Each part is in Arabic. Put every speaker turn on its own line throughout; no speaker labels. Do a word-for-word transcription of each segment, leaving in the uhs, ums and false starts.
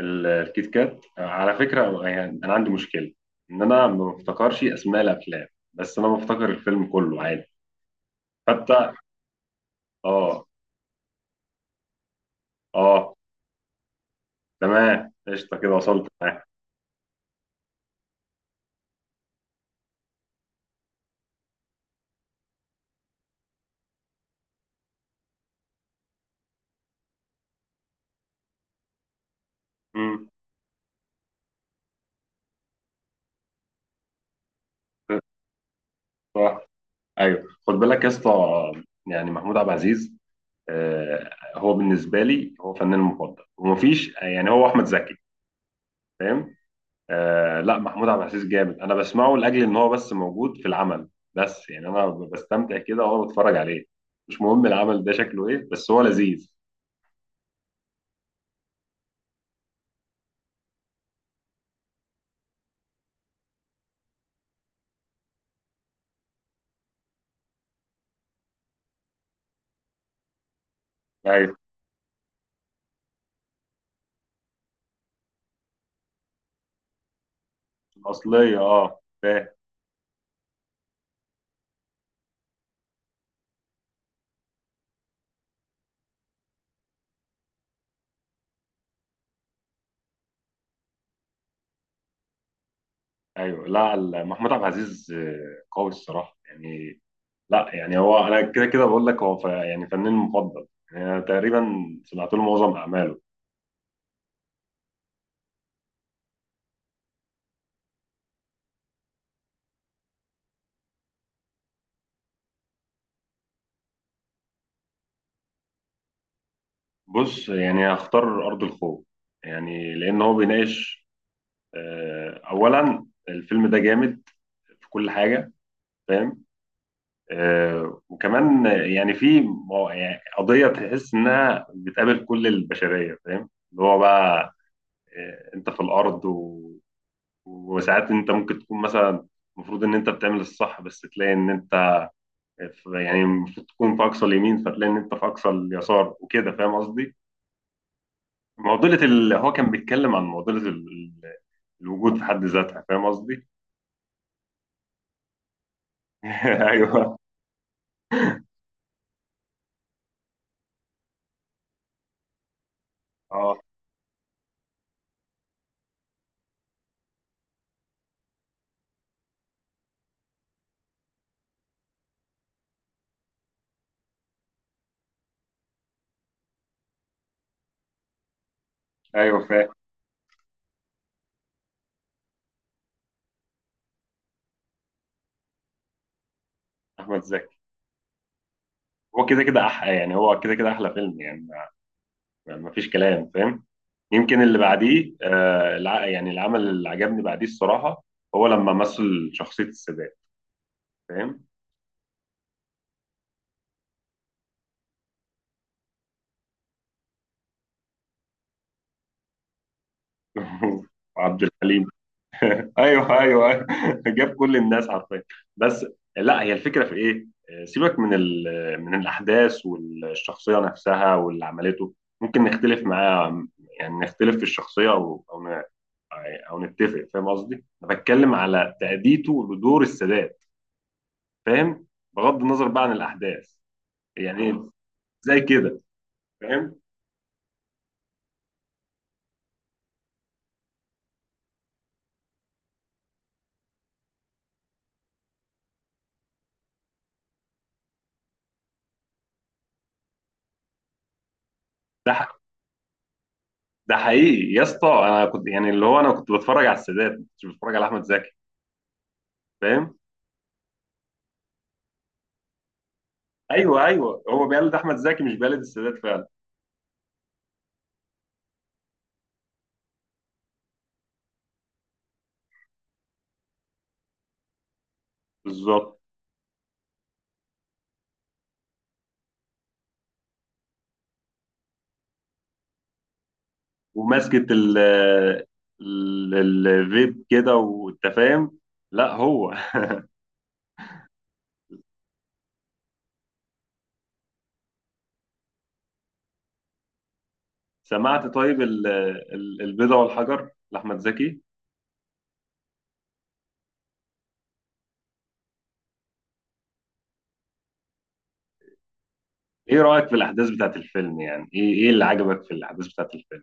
ال- الكيت كات على فكرة، يعني أنا عندي مشكلة إن أنا ما بفتكرش أسماء الأفلام، بس أنا بفتكر الفيلم كله عادي. حتى آه. آه، تمام، قشطة كده وصلت معاه. مم، صح. أيوه، خد بالك يا اسطى، يعني محمود عبد العزيز، آه، هو بالنسبة لي هو فنان مفضل ومفيش، يعني هو أحمد زكي، فاهم. آه، لا محمود عبد العزيز جامد، انا بسمعه لاجل ان هو بس موجود في العمل. بس يعني انا بستمتع كده وانا بتفرج عليه، مش مهم العمل ده شكله ايه بس هو لذيذ. ايوه الاصليه، اه فاهم. ايوه، لا ال- محمود عبد العزيز آه، قوي الصراحه يعني. لا يعني هو، انا كده كده بقول لك هو ف- يعني فنان مفضل، يعني انا تقريبا سمعت له معظم اعماله. بص يعني هختار ارض الخوف، يعني لان هو بيناقش. آه، اولا الفيلم ده جامد في كل حاجه، فاهم. آه، وكمان يعني في مو- يعني قضية تحس إنها بتقابل كل البشرية، فاهم، اللي هو بقى آه، أنت في الأرض و... وساعات أنت ممكن تكون مثلا المفروض إن أنت بتعمل الصح، بس تلاقي إن أنت في، يعني المفروض تكون في أقصى اليمين فتلاقي إن أنت في أقصى اليسار وكده، فاهم قصدي؟ معضلة ال... هو كان بيتكلم عن معضلة ال... ال- الوجود في حد ذاتها، فاهم قصدي؟ أيوه أه. أيوه فاهم. أحمد زكي هو كده كده أحلى، يعني هو كده كده أحلى فيلم يعني، يعني مفيش كلام، فاهم. يمكن اللي بعديه آه، الع- يعني العمل اللي عجبني بعديه الصراحه، هو لما مثل شخصيه السادات، فاهم. عبد الحليم. ايوه ايوه ايوه جاب كل الناس، عارفين. بس لا، هي الفكره في ايه، آه، سيبك من ال- من الاحداث والشخصيه نفسها واللي عملته، ممكن نختلف معاه، يعني نختلف في الشخصيه او او ن- او نتفق، فاهم قصدي، انا بتكلم على تاديته لدور السادات، فاهم، بغض النظر بقى عن الاحداث. يعني زي كده فاهم. ده ح- ده حقيقي يا اسطى، انا كنت يعني اللي هو انا كنت بتفرج على السادات، ما كنتش بتفرج على احمد زكي، فاهم. ايوه ايوه، هو بيقلد احمد زكي مش بيقلد السادات فعلا. بالظبط وماسكه ال ال- الفيب كده، وانت فاهم. لا هو. سمعت طيب ال- ال- البيضة والحجر لاحمد زكي. ايه رايك في الاحداث بتاعت الفيلم، يعني ايه ايه اللي عجبك في الاحداث بتاعت الفيلم.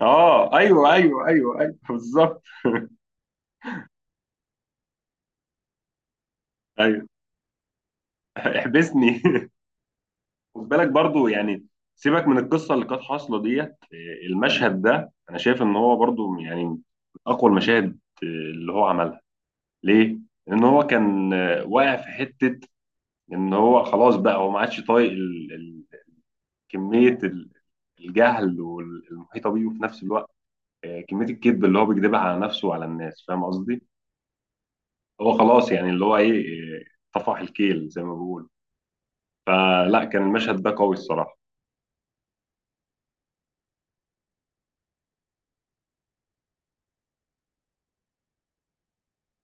اه ايوه ايوه ايوه ايوه بالظبط. ايوه. احبسني. خد بالك برضو، يعني سيبك من القصه اللي كانت حاصله ديت، آه، المشهد ده انا شايف ان هو برضو يعني من اقوى المشاهد آه، اللي هو عملها. ليه؟ لان هو كان آه، واقع في حته ان هو خلاص بقى، هو ما عادش طايق ال- ال- كميه ال- الجهل والمحيطه بيه، وفي نفس الوقت آه، كميه الكذب اللي هو بيكذبها على نفسه وعلى الناس، فاهم قصدي؟ هو خلاص يعني اللي هو ايه، آه، طفح الكيل زي ما بيقولوا، فلا كان المشهد ده قوي الصراحه.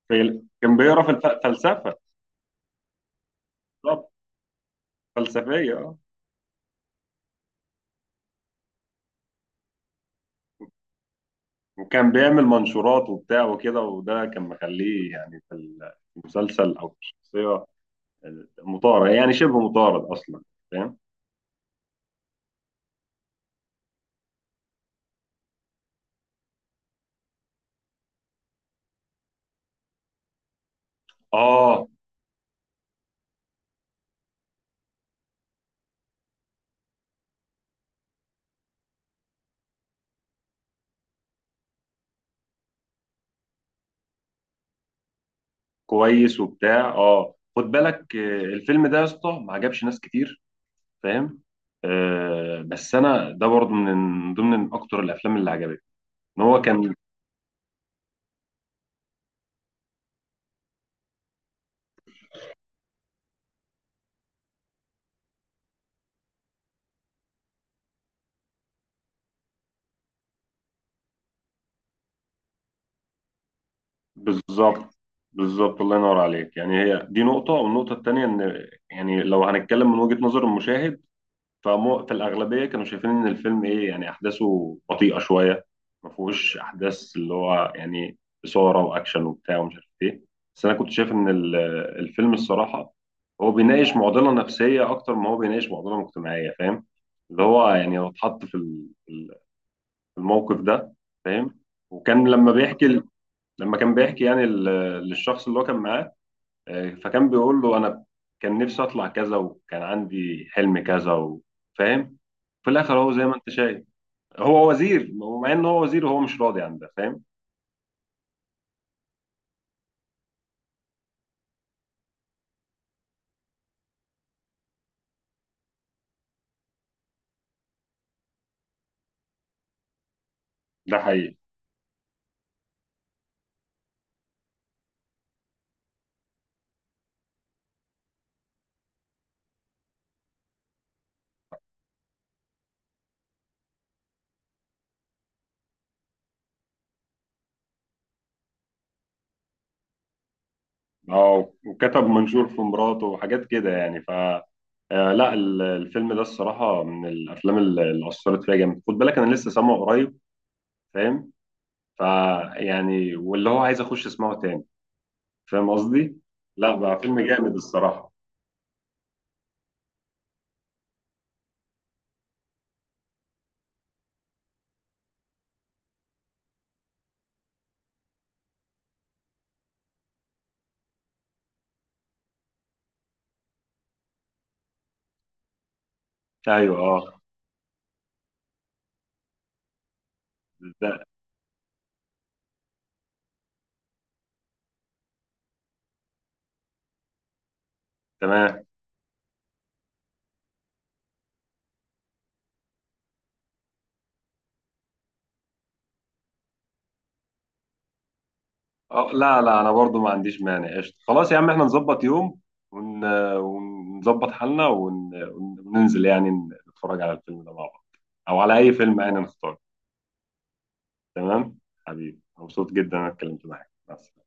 في- كان بيقرا في الف- فلسفه، فلسفية اه. وكان بيعمل منشورات وبتاع وكده، وده كان مخليه يعني في المسلسل أو في الشخصية آه، مطارد، يعني شبه مطارد أصلا، فاهم؟ آه كويس وبتاع. آه خد بالك، آه، الفيلم ده يا اسطى ما عجبش ناس كتير، فاهم؟ آه، بس أنا ده برضه من ضمن من أكتر الأفلام اللي عجبتني، إن هو كان. بالظبط بالظبط، الله ينور عليك، يعني هي دي نقطة، والنقطة التانية إن يعني لو هنتكلم من وجهة نظر المشاهد، فمو في الأغلبية كانوا شايفين إن الفيلم إيه، يعني أحداثه بطيئة شوية، ما فيهوش أحداث اللي هو يعني إثارة وأكشن وبتاع ومش عارف إيه. بس أنا كنت شايف إن ال- الفيلم الصراحة هو بيناقش معضلة نفسية أكتر ما هو بيناقش معضلة مجتمعية، فاهم، اللي هو يعني لو اتحط في ال- ال- في الموقف ده، فاهم. وكان لما بيحكي، لما كان بيحكي يعني ال- للشخص اللي هو كان معاه، آه، فكان بيقول له انا كان نفسي اطلع كذا وكان عندي حلم كذا و-، فاهم، في الاخر هو زي ما انت شايف هو وزير، مع ان هو وزير وهو مش راضي عن ده، فاهم. ده حقيقي. اه وكتب منشور في مراته وحاجات كده يعني ف آه، لا ال- الفيلم ده الصراحة من الأفلام ال- اللي أثرت فيا جامد، خد بالك أنا لسه سامعه قريب، فاهم، فيعني واللي هو عايز أخش أسمعه تاني، فاهم قصدي؟ لا بقى فيلم جامد الصراحة. أيوه أه ده تمام. اه لا لا، انا برضو ما عنديش مانع، قشطة خلاص يا عم احنا نظبط يوم ون... ونظبط حالنا ون... وننزل يعني نتفرج على الفيلم ده مع بعض، او على اي فيلم يعني نختار. تمام حبيبي، مبسوط جدا انا اتكلمت معاك، مع السلامة.